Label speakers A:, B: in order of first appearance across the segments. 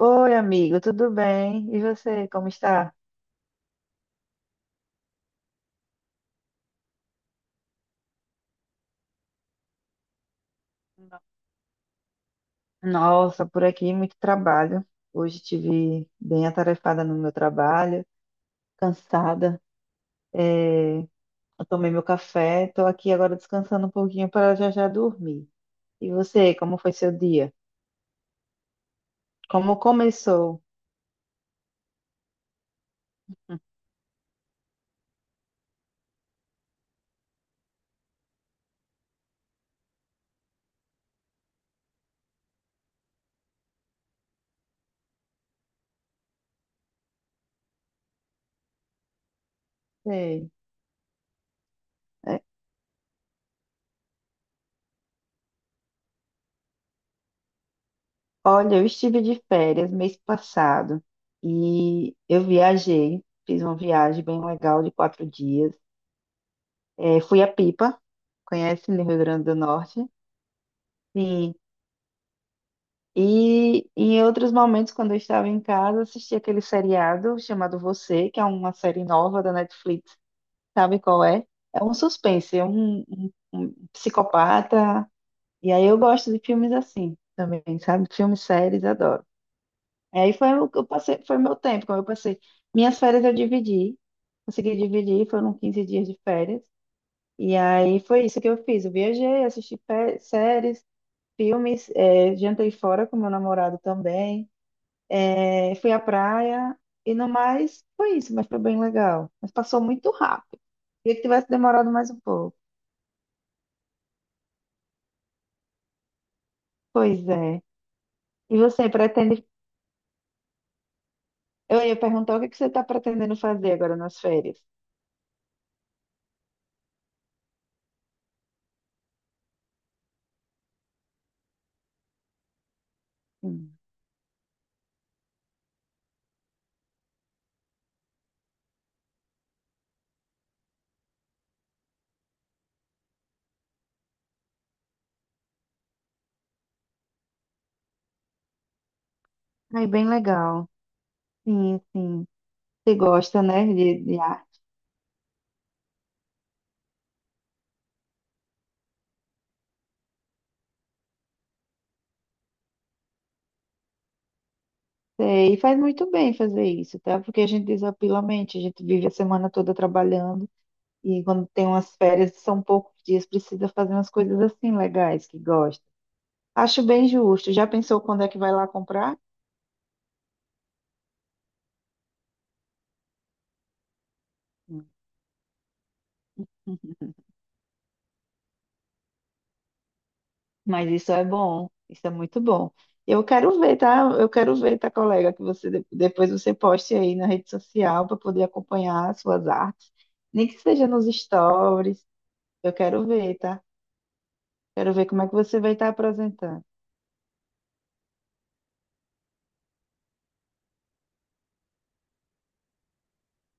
A: Oi, amigo, tudo bem? E você, como está? Nossa, por aqui muito trabalho. Hoje tive bem atarefada no meu trabalho, cansada. É, eu tomei meu café, estou aqui agora descansando um pouquinho para já já dormir. E você, como foi seu dia? Como começou? Sei. É, olha, eu estive de férias mês passado e eu viajei, fiz uma viagem bem legal de 4 dias. É, fui a Pipa, conhece no Rio Grande do Norte. Sim. E em outros momentos, quando eu estava em casa, assisti aquele seriado chamado Você, que é uma série nova da Netflix. Sabe qual é? É um suspense, é um psicopata. E aí eu gosto de filmes assim também, sabe? Filmes, séries, adoro. E aí foi o que eu passei, foi meu tempo, como eu passei. Minhas férias eu dividi, consegui dividir, foram 15 dias de férias. E aí foi isso que eu fiz. Eu viajei, assisti séries, filmes, é, jantei fora com meu namorado também, é, fui à praia e no mais foi isso, mas foi bem legal. Mas passou muito rápido. Queria que tivesse demorado mais um pouco. Pois é. E você pretende? Eu ia perguntar o que que você está pretendendo fazer agora nas férias. Sim. Aí, bem legal. Sim, sim. Você gosta, né, de arte. É, e faz muito bem fazer isso, tá? Porque a gente desapila a mente, a gente vive a semana toda trabalhando. E quando tem umas férias, são poucos dias, precisa fazer umas coisas assim legais que gosta. Acho bem justo. Já pensou quando é que vai lá comprar? Hum. Mas isso é bom, isso é muito bom. Eu quero ver, tá? Eu quero ver, tá, colega, que você depois você poste aí na rede social para poder acompanhar as suas artes, nem que seja nos stories. Eu quero ver, tá? Quero ver como é que você vai estar apresentando.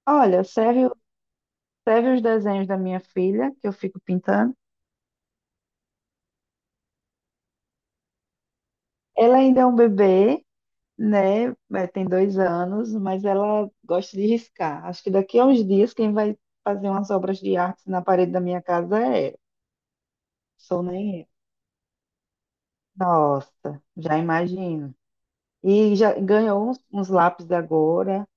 A: Olha, serve, serve os desenhos da minha filha, que eu fico pintando. Ela ainda é um bebê, né? É, tem 2 anos, mas ela gosta de riscar. Acho que daqui a uns dias quem vai fazer umas obras de arte na parede da minha casa é ela. Sou nem eu. Nossa, já imagino. E já ganhou uns lápis agora,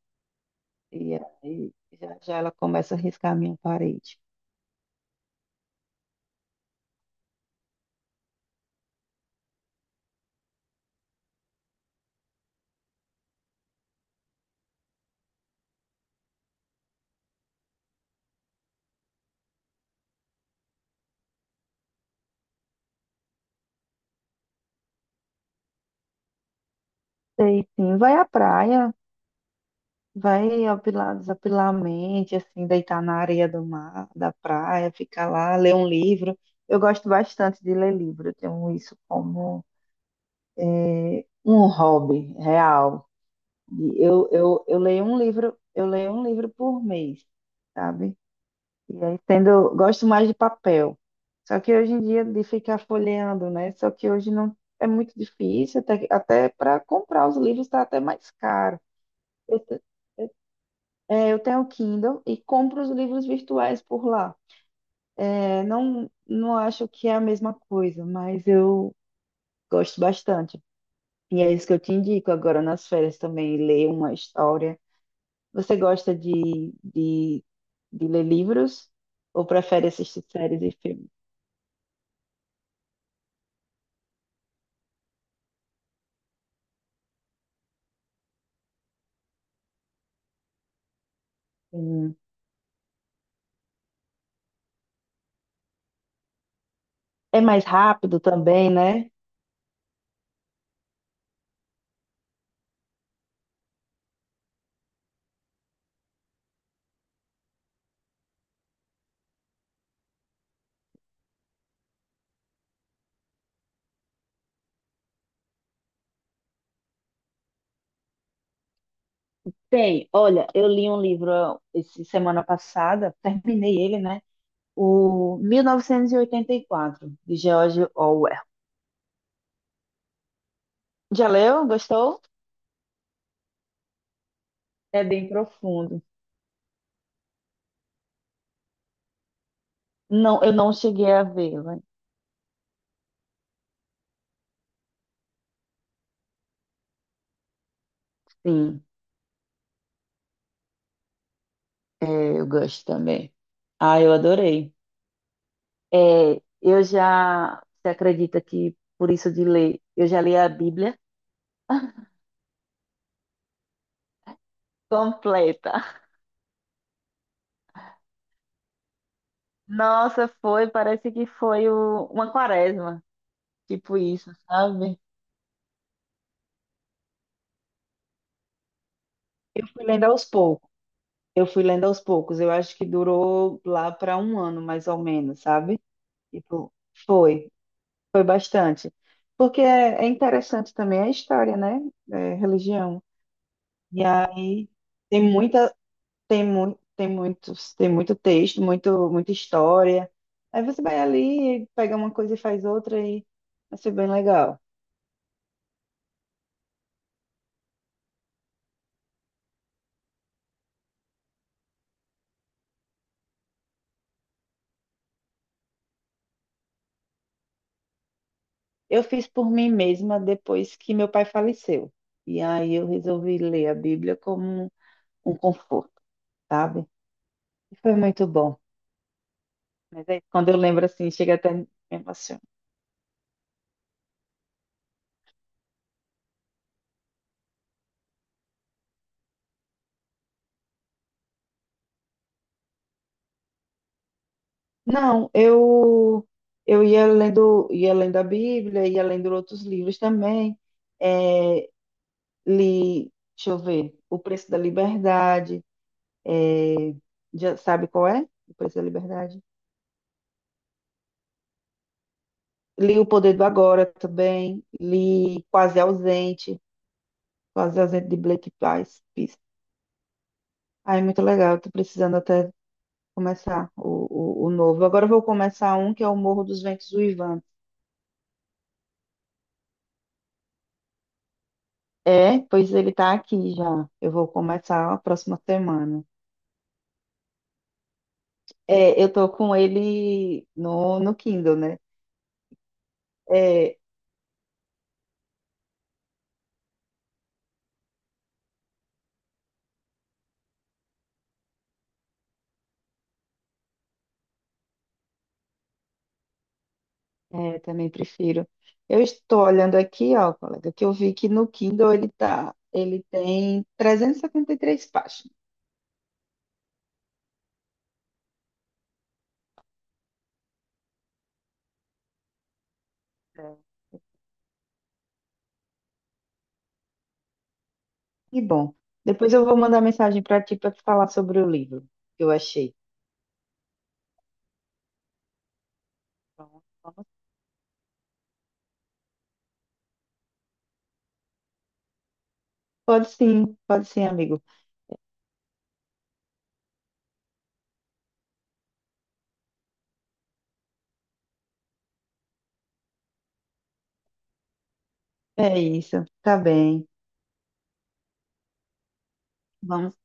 A: e aí já, já ela começa a riscar a minha parede. Sei sim, vai à praia, vai apilar, desapilar a mente, assim, deitar na areia do mar, da praia, ficar lá, ler um livro. Eu gosto bastante de ler livro, eu tenho isso como é, um hobby real. E eu leio um livro, por mês, sabe? E aí tendo, gosto mais de papel. Só que hoje em dia de ficar folheando, né? Só que hoje não é muito difícil, até para comprar os livros está até mais caro. Eu, te- eu tenho o Kindle e compro os livros virtuais por lá. É, não acho que é a mesma coisa, mas eu gosto bastante. E é isso que eu te indico agora nas férias também, ler uma história. Você gosta de ler livros ou prefere assistir séries e filmes? Hum. É mais rápido também, né? Tem, olha, eu li um livro ó, esse semana passada, terminei ele, né? O 1984, de George Orwell. Já leu? Gostou? É bem profundo. Não, eu não cheguei a ver, mas sim, é, eu gosto também. Ah, eu adorei. É, eu já, você acredita que por isso de ler, eu já li a Bíblia completa. Nossa, foi, parece que foi uma quaresma, tipo isso, sabe? Eu fui lendo aos poucos. Eu fui lendo aos poucos. Eu acho que durou lá para um ano, mais ou menos, sabe? Tipo, foi, foi bastante. Porque é, é interessante também a história, né? É, religião. E aí tem muita, tem muito texto, muita história. Aí você vai ali, pega uma coisa e faz outra e vai ser bem legal. Eu fiz por mim mesma depois que meu pai faleceu. E aí eu resolvi ler a Bíblia como um conforto, sabe? E foi muito bom. Mas aí quando eu lembro assim, chega até me emociona. Não, eu ia lendo a Bíblia, ia lendo outros livros também. É, li, deixa eu ver, O Preço da Liberdade, já sabe qual é? O Preço da Liberdade. Li O Poder do Agora também, li Quase Ausente, Quase Ausente de Blake Price. Ah, é muito legal, estou precisando até começar o novo. Agora eu vou começar um que é o Morro dos Ventos Uivantes. É, pois ele está aqui já. Eu vou começar a próxima semana. É, eu tô com ele no Kindle, né? É, é, eu também prefiro. Eu estou olhando aqui, ó, colega, que eu vi que no Kindle ele tá, ele tem e 73 páginas. É, que bom. Depois eu vou mandar mensagem para ti para te falar sobre o livro que eu achei. Então, vamos. Pode sim, amigo. É isso, tá bem. Vamos